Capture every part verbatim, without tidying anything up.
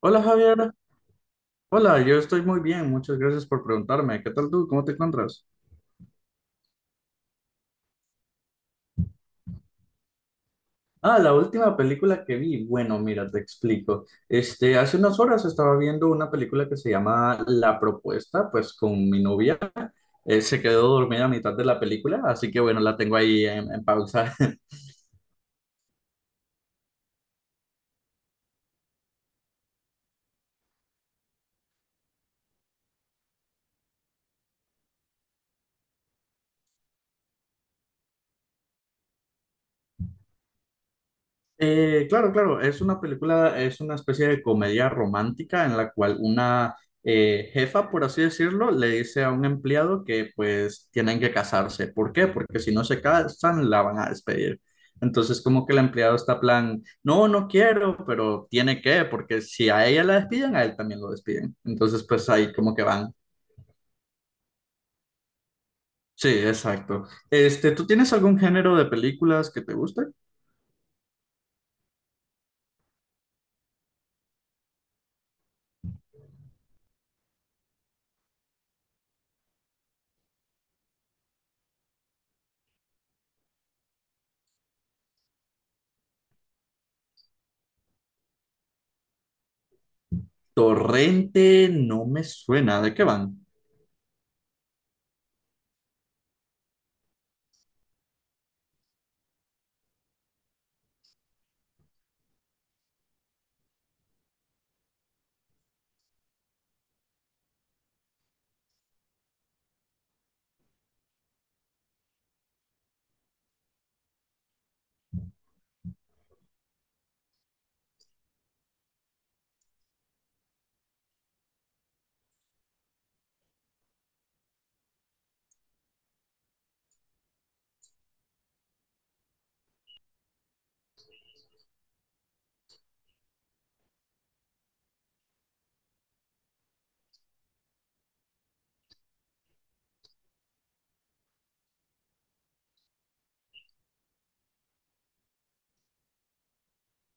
Hola Javier, hola, yo estoy muy bien, muchas gracias por preguntarme. ¿Qué tal tú? ¿Cómo te encuentras? Ah, la última película que vi, bueno, mira, te explico. Este, hace unas horas estaba viendo una película que se llama La Propuesta, pues con mi novia. Eh, se quedó dormida a mitad de la película, así que bueno, la tengo ahí en, en pausa. Eh, claro, claro, es una película, es una especie de comedia romántica en la cual una eh, jefa, por así decirlo, le dice a un empleado que pues tienen que casarse. ¿Por qué? Porque si no se casan, la van a despedir. Entonces como que el empleado está plan, no, no quiero, pero tiene que, porque si a ella la despiden, a él también lo despiden. Entonces pues ahí como que van. Sí, exacto. Este, ¿tú tienes algún género de películas que te guste? Torrente no me suena, ¿de qué van?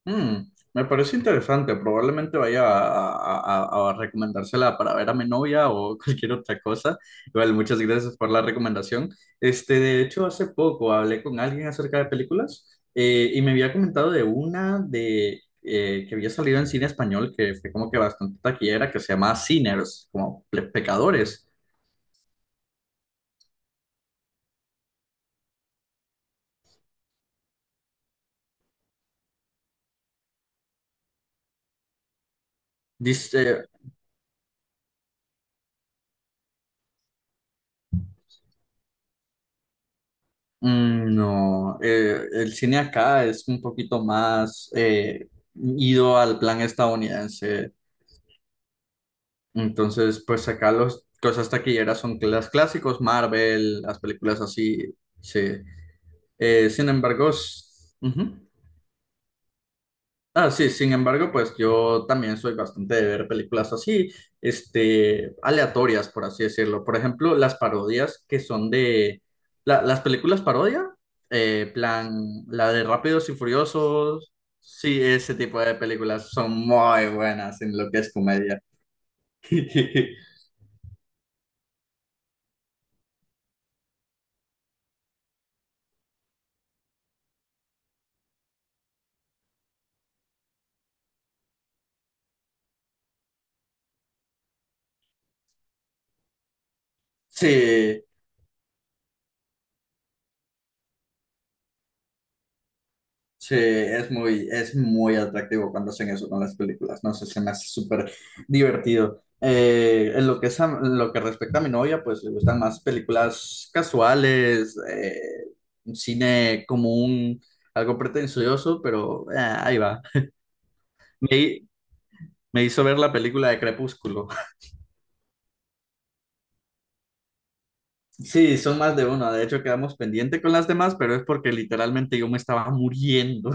Mm, me parece interesante. Probablemente vaya a, a- a- a recomendársela para ver a mi novia o cualquier otra cosa. Igual, muchas gracias por la recomendación. Este, de hecho, hace poco hablé con alguien acerca de películas eh, y me había comentado de una de eh, que había salido en cine español que fue como que bastante taquillera, que se llama Sinners, como pe- pecadores. Dice, mm, no, eh, el cine acá es un poquito más eh, ido al plan estadounidense. Entonces, pues acá los cosas taquilleras son los clásicos, Marvel, las películas así, sí. Eh, sin embargo, s- ujú. Ah, sí, sin embargo, pues yo también soy bastante de ver películas así, este, aleatorias, por así decirlo. Por ejemplo, las parodias que son de la- las películas parodia, eh, plan, la de Rápidos y Furiosos, sí, ese tipo de películas son muy buenas en lo que es comedia. Sí. Sí, es muy, es muy atractivo cuando hacen eso con las películas, no sé, se me hace súper divertido. Eh, en lo que es a- en lo que respecta a mi novia, pues le gustan más películas casuales, eh, cine común, algo pretencioso, pero eh, ahí va. Me, me hizo ver la película de Crepúsculo. Sí, son más de uno, de hecho quedamos pendiente con las demás, pero es porque literalmente yo me estaba muriendo.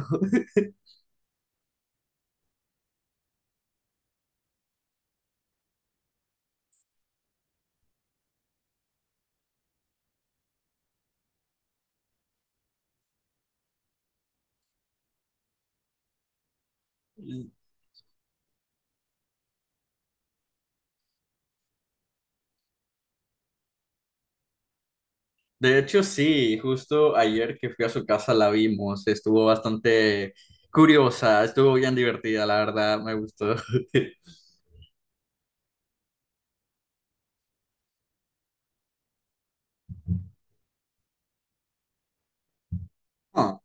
De hecho, sí, justo ayer que fui a su casa la vimos, estuvo bastante curiosa, estuvo bien divertida, la verdad, me gustó. Ah,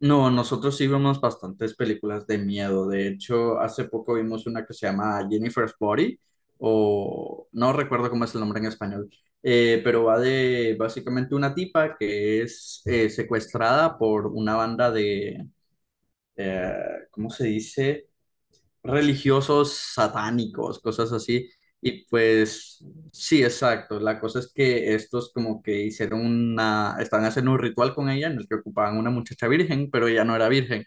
no, nosotros sí vemos bastantes películas de miedo, de hecho, hace poco vimos una que se llama Jennifer's Body, o no recuerdo cómo es el nombre en español, eh, pero va de básicamente una tipa que es eh, secuestrada por una banda de, eh, ¿cómo se dice? Religiosos satánicos, cosas así. Y pues sí, exacto. La cosa es que estos como que hicieron una, estaban haciendo un ritual con ella en el que ocupaban una muchacha virgen, pero ella no era virgen.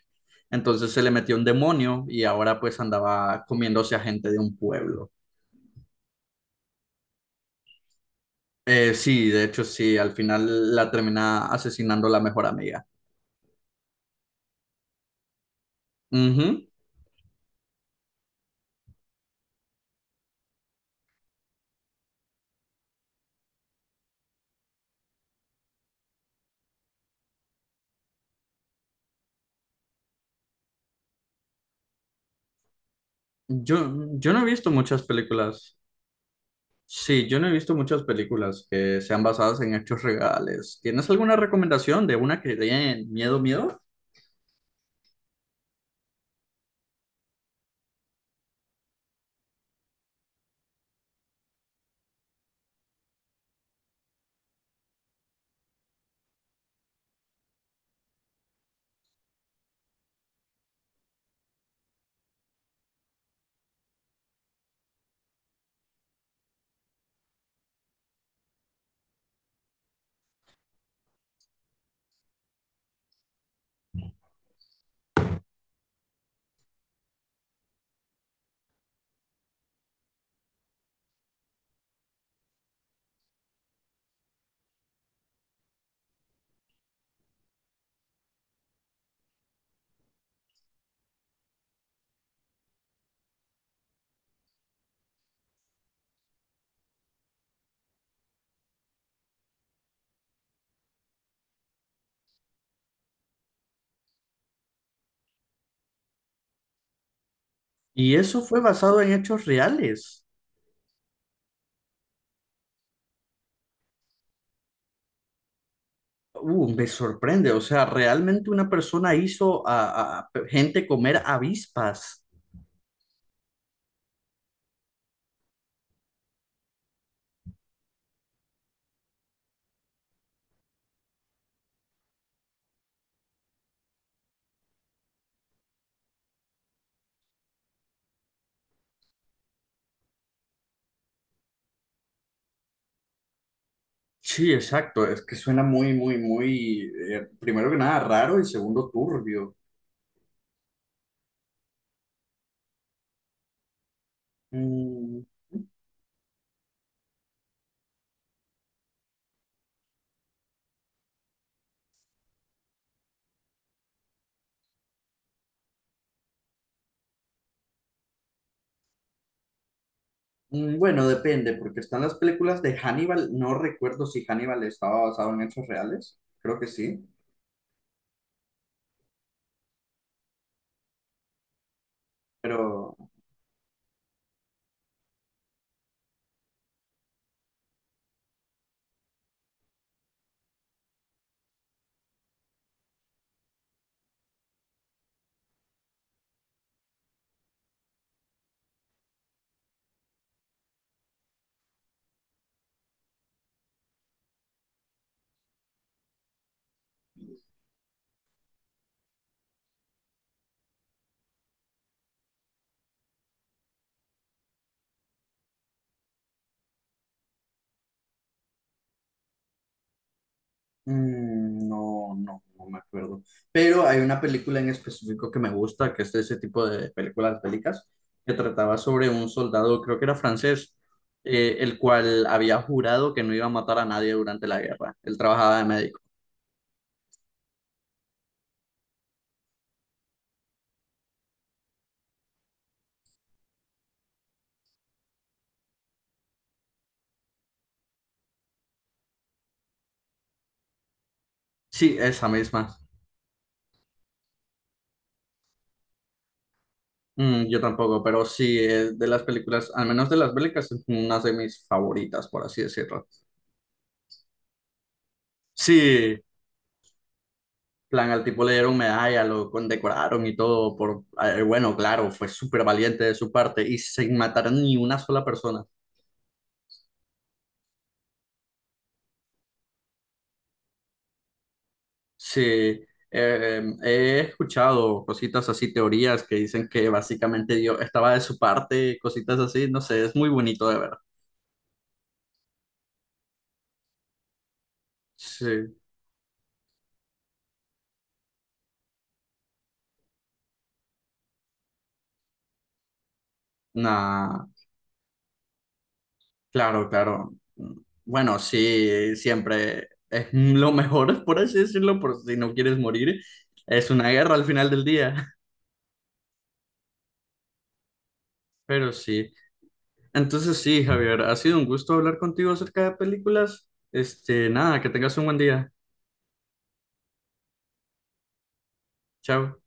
Entonces se le metió un demonio y ahora pues andaba comiéndose a gente de un pueblo. Eh, sí, de hecho sí, al final la termina asesinando la mejor amiga. Ujú. Yo, yo no he visto muchas películas Sí, yo no he visto muchas películas que sean basadas en hechos reales. ¿Tienes alguna recomendación de una que dé miedo, miedo? Y eso fue basado en hechos reales. Uh, me sorprende. O sea, realmente una persona hizo a, a gente comer avispas. Sí, exacto. Es que suena muy, muy, muy, eh, primero que nada, raro y segundo, turbio. Mm, mm, bueno, depende, porque están las películas de Hannibal. No recuerdo si Hannibal estaba basado en hechos reales. Creo que sí. Pero mm, no, no, no me acuerdo. Pero hay una película en específico que me gusta, que es de ese tipo de películas bélicas, que trataba sobre un soldado, creo que era francés, eh, el cual había jurado que no iba a matar a nadie durante la guerra. Él trabajaba de médico. Sí, esa misma. Mm, yo tampoco, pero sí, es de las películas, al menos de las bélicas, es una de mis favoritas, por así decirlo. Sí, plan, al tipo le dieron medalla, lo condecoraron y todo por, eh, bueno, claro, fue súper valiente de su parte y sin matar a ni una sola persona. Sí, eh, eh, he escuchado cositas así, teorías que dicen que básicamente Dios estaba de su parte, cositas así, no sé, es muy bonito de ver. Sí, nah, claro, claro. Bueno, sí, siempre es lo mejor, por así decirlo, por si no quieres morir. Es una guerra al final del día, pero sí. Entonces sí, Javier, ha sido un gusto hablar contigo acerca de películas. Este, nada, que tengas un buen día. Chao.